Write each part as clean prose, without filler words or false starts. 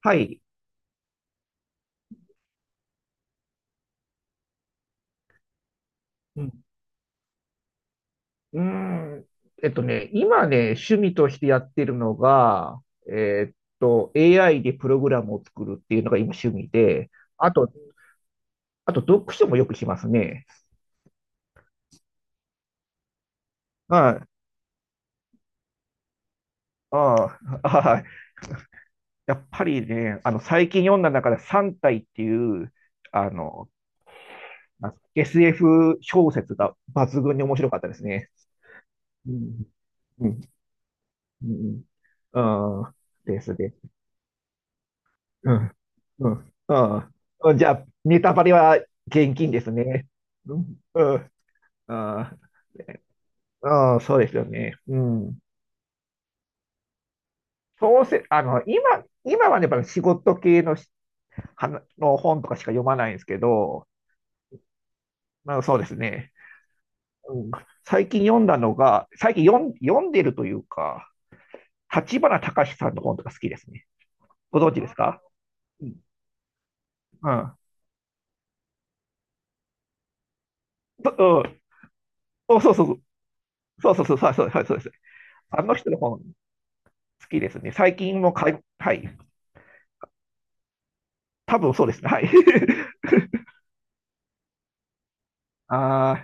はい。うん。うーん。今ね、趣味としてやってるのが、えーっAI でプログラムを作るっていうのが今趣味で、あと、あと読書もよくしますね。はい。ああ、はい。やっぱりね、最近読んだ中で三体っていう、あの、なんすか SF 小説が抜群に面白かったですね。うん。うん。うん。うんですねうん。うん。ああ。うんじゃあ、ネタバレは厳禁ですね。うん。うん。ああ、うんそうですよね。うん。そうせ、今はね、やっぱり仕事系のし、はなの本とかしか読まないんですけど、まあ、そうですね。うん。最近読んだのが、最近読ん、読んでるというか、立花隆さんの本とか好きですね。ご存知ですか？うん。うん。とうん、そうそう。そうそうそう、そうそうそうそうです。あの人の本。好きですね。最近もかい、はい。多分そうですね。はい。あ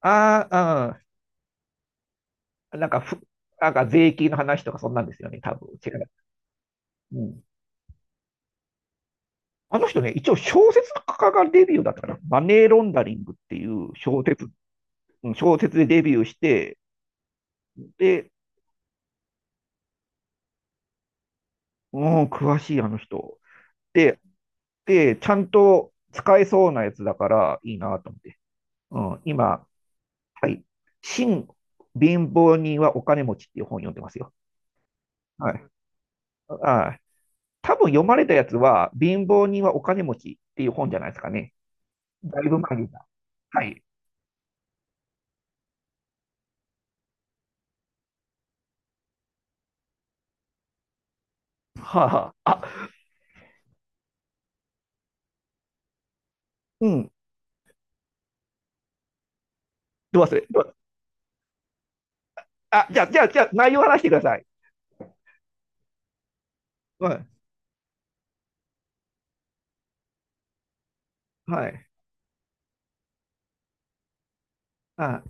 ー、あー、うん。なんかふ、なんか税金の話とかそんなんですよね。多分違う。うん。あの人ね、一応小説家がデビューだったかな。マネーロンダリングっていう小説、うん小説でデビューして、で、うん、詳しいあの人。で、で、ちゃんと使えそうなやつだからいいなと思って。うん、今、はい。新貧乏人はお金持ちっていう本読んでますよ。はい。はい。多分読まれたやつは、貧乏人はお金持ちっていう本じゃないですかね。だいぶ前に。はい。はあ、あ、うん。どう忘れ。どうあ、じゃあ、じゃあ、じゃあ、内容話してください。はい。はい。あ、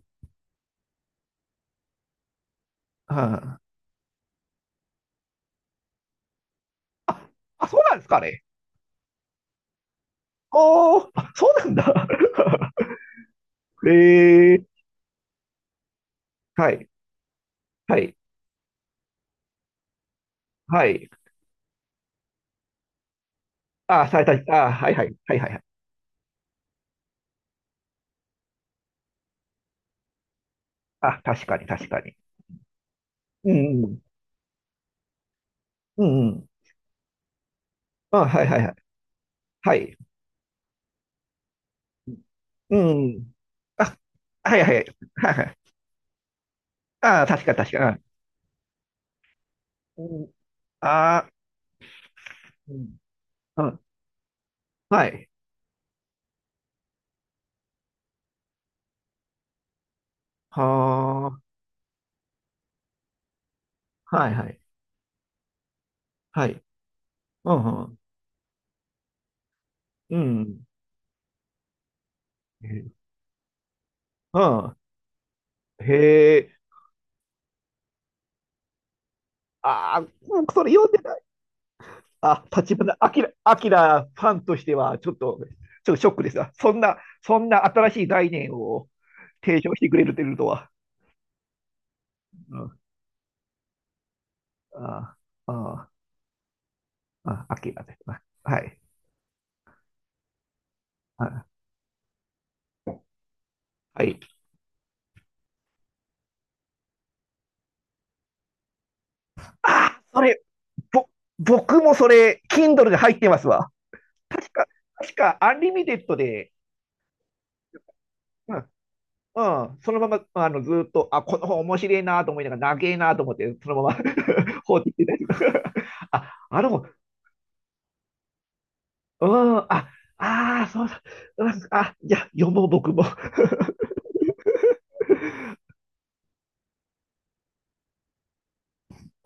あ、あそうなんですかね。おー、あそうなんだ。えー、はい、はい、はい。あ、された、あ、はいはい、はいはいはい。あ、確かに、確かに。うん、うん、うん、うん。あ、はいはいはい。はい。うんうん。あ、はいはい、はいはい。あ、確かに、確かに。うんあー、うんあ、はい。はあ、はいはい。はい。うんうん。うん。えうん。へえ。ああ、僕それ読んでない。あ、立花、あきら、あきらファンとしては、ちょっと、ショックですわ。そんな、そんな新しい概念を提唱してくれるというとは。うん。ああああああきらです。あはい。あはい。ああそれ、ぼ、僕もそれ、Kindle で入ってますわ。確か、確か、アンリミテッドで、うん、うん、そのまま、あの、ずーっと、あ、この本面白いなと思いながら、長えなと思って、そのまま 放置してたりとか あ、あの本、うん、あ、ああ、そうだ、うん、あ、じゃあ読もう、僕も や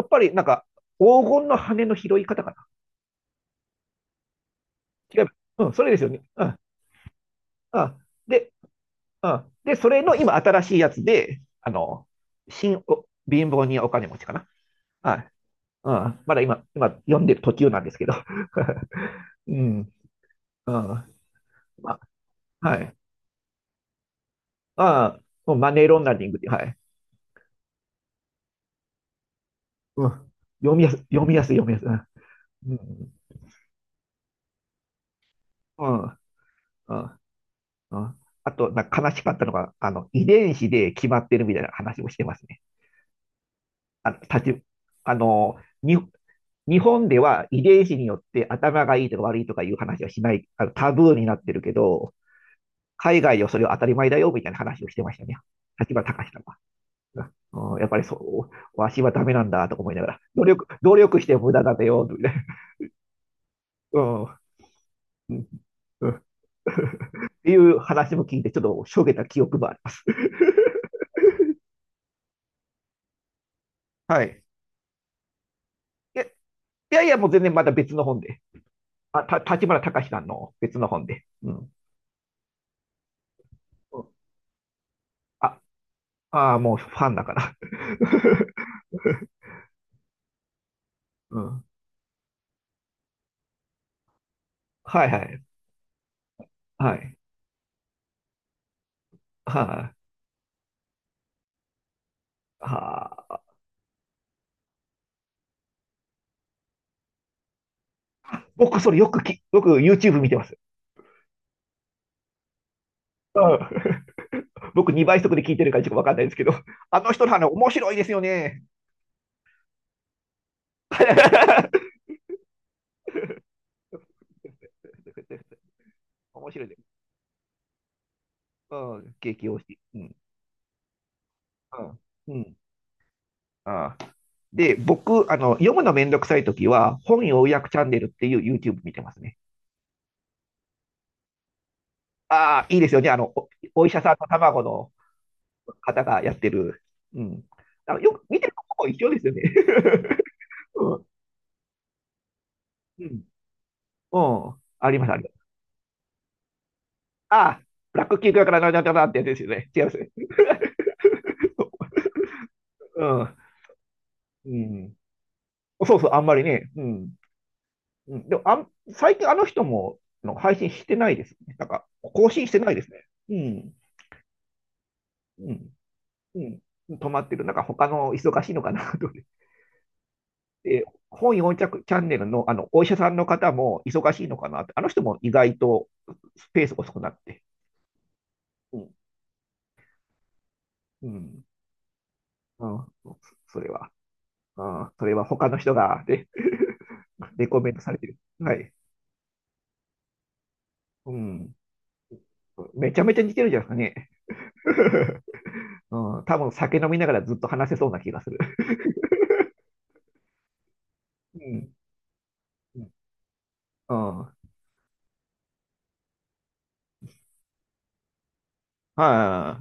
っぱり、なんか、黄金の羽の拾い方かな。違う。うん、それですよね。うん、うん。で、うん。で、それの今、新しいやつで、あの、新お、貧乏人お金持ちかな。はい。うん。まだ今、読んでる途中なんですけど。うん。うん。まあ、はい。ああ、マネーロンダリングって、はい。うん。読みやすい。うん。うん。うん。うんうんあと、なんか悲しかったのが、あの、遺伝子で決まってるみたいな話もしてますね。あの、たち、あの、に、日本では遺伝子によって頭がいいとか悪いとかいう話はしない、あの、タブーになってるけど、海外ではそれは当たり前だよみたいな話をしてましたね。立花隆さんは。うん、うんやっぱりそう、わしはダメなんだとか思いながら、努力して無駄だよ、みたいな。うん。っていう話も聞いて、ちょっとしょげた記憶もあります。はい。いや、いやいや、もう全然まだ別の本で。立花隆さんの別の本で。うん。あ、ああもうファンだから。うん。はいはい。はい。はい。はあ。僕、それよくき、よく YouTube 見てます。うん。僕、2倍速で聞いてるからちょっとわかんないですけど、あの人の話面白いですよね。面白いです。うん。激推し。うん。うん。うん。ああ。で、僕、あの、読むのめんどくさいときは、本要約チャンネルっていう YouTube 見てますね。ああ、いいですよね。お医者さんと卵の方がやってる。うん。あの、よく見てるとこも一緒ですよね。うん。うん。うん。あります、あります。ああ、ブラック企業からなんだかなってやつですよね。違いますね。うん。うん。そうそう、あんまりね。うん。うん。でも、あん、最近あの人も、の配信してないですね。なんか、更新してないですね。うん。うん。うん、止まってる。なんか他の忙しいのかなと思って。で本4着チャンネルの、あのお医者さんの方も忙しいのかなって、あの人も意外とスペース遅くなって、うんうんうんそれは、うん、それは他の人が、ね、レコメントされてる。はい、うん、めちゃめちゃ似てるじゃないですかね。うん、多分酒飲みながらずっと話せそうな気がする。うん、うんうん、はい、あ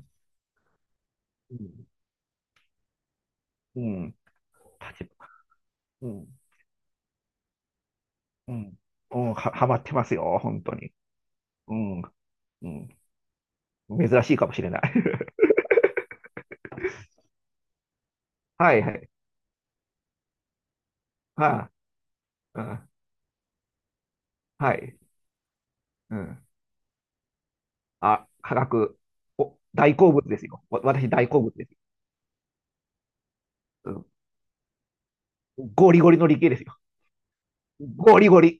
うん、うん、うんうん。うん、はまってますよ、本当に。うん。うん。珍しいかもしれない。はいはい。はあ、うん。はい。うん。あ、化学。お、大好物ですよ。私大好物です。うん。ゴリゴリの理系ですよ。ゴリゴリ。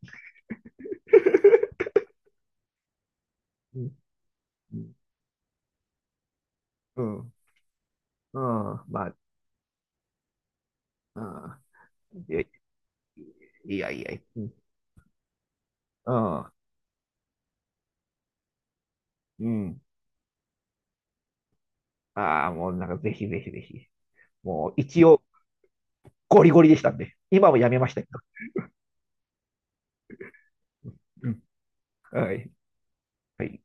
うん。うん。うん。うんまあ、うん。いやいやいや。うん。うん。うんああ、もうなんかぜひぜひぜひ。もう一応ゴリゴリでしたんで。今もやめましたけど。うん。はい。はい。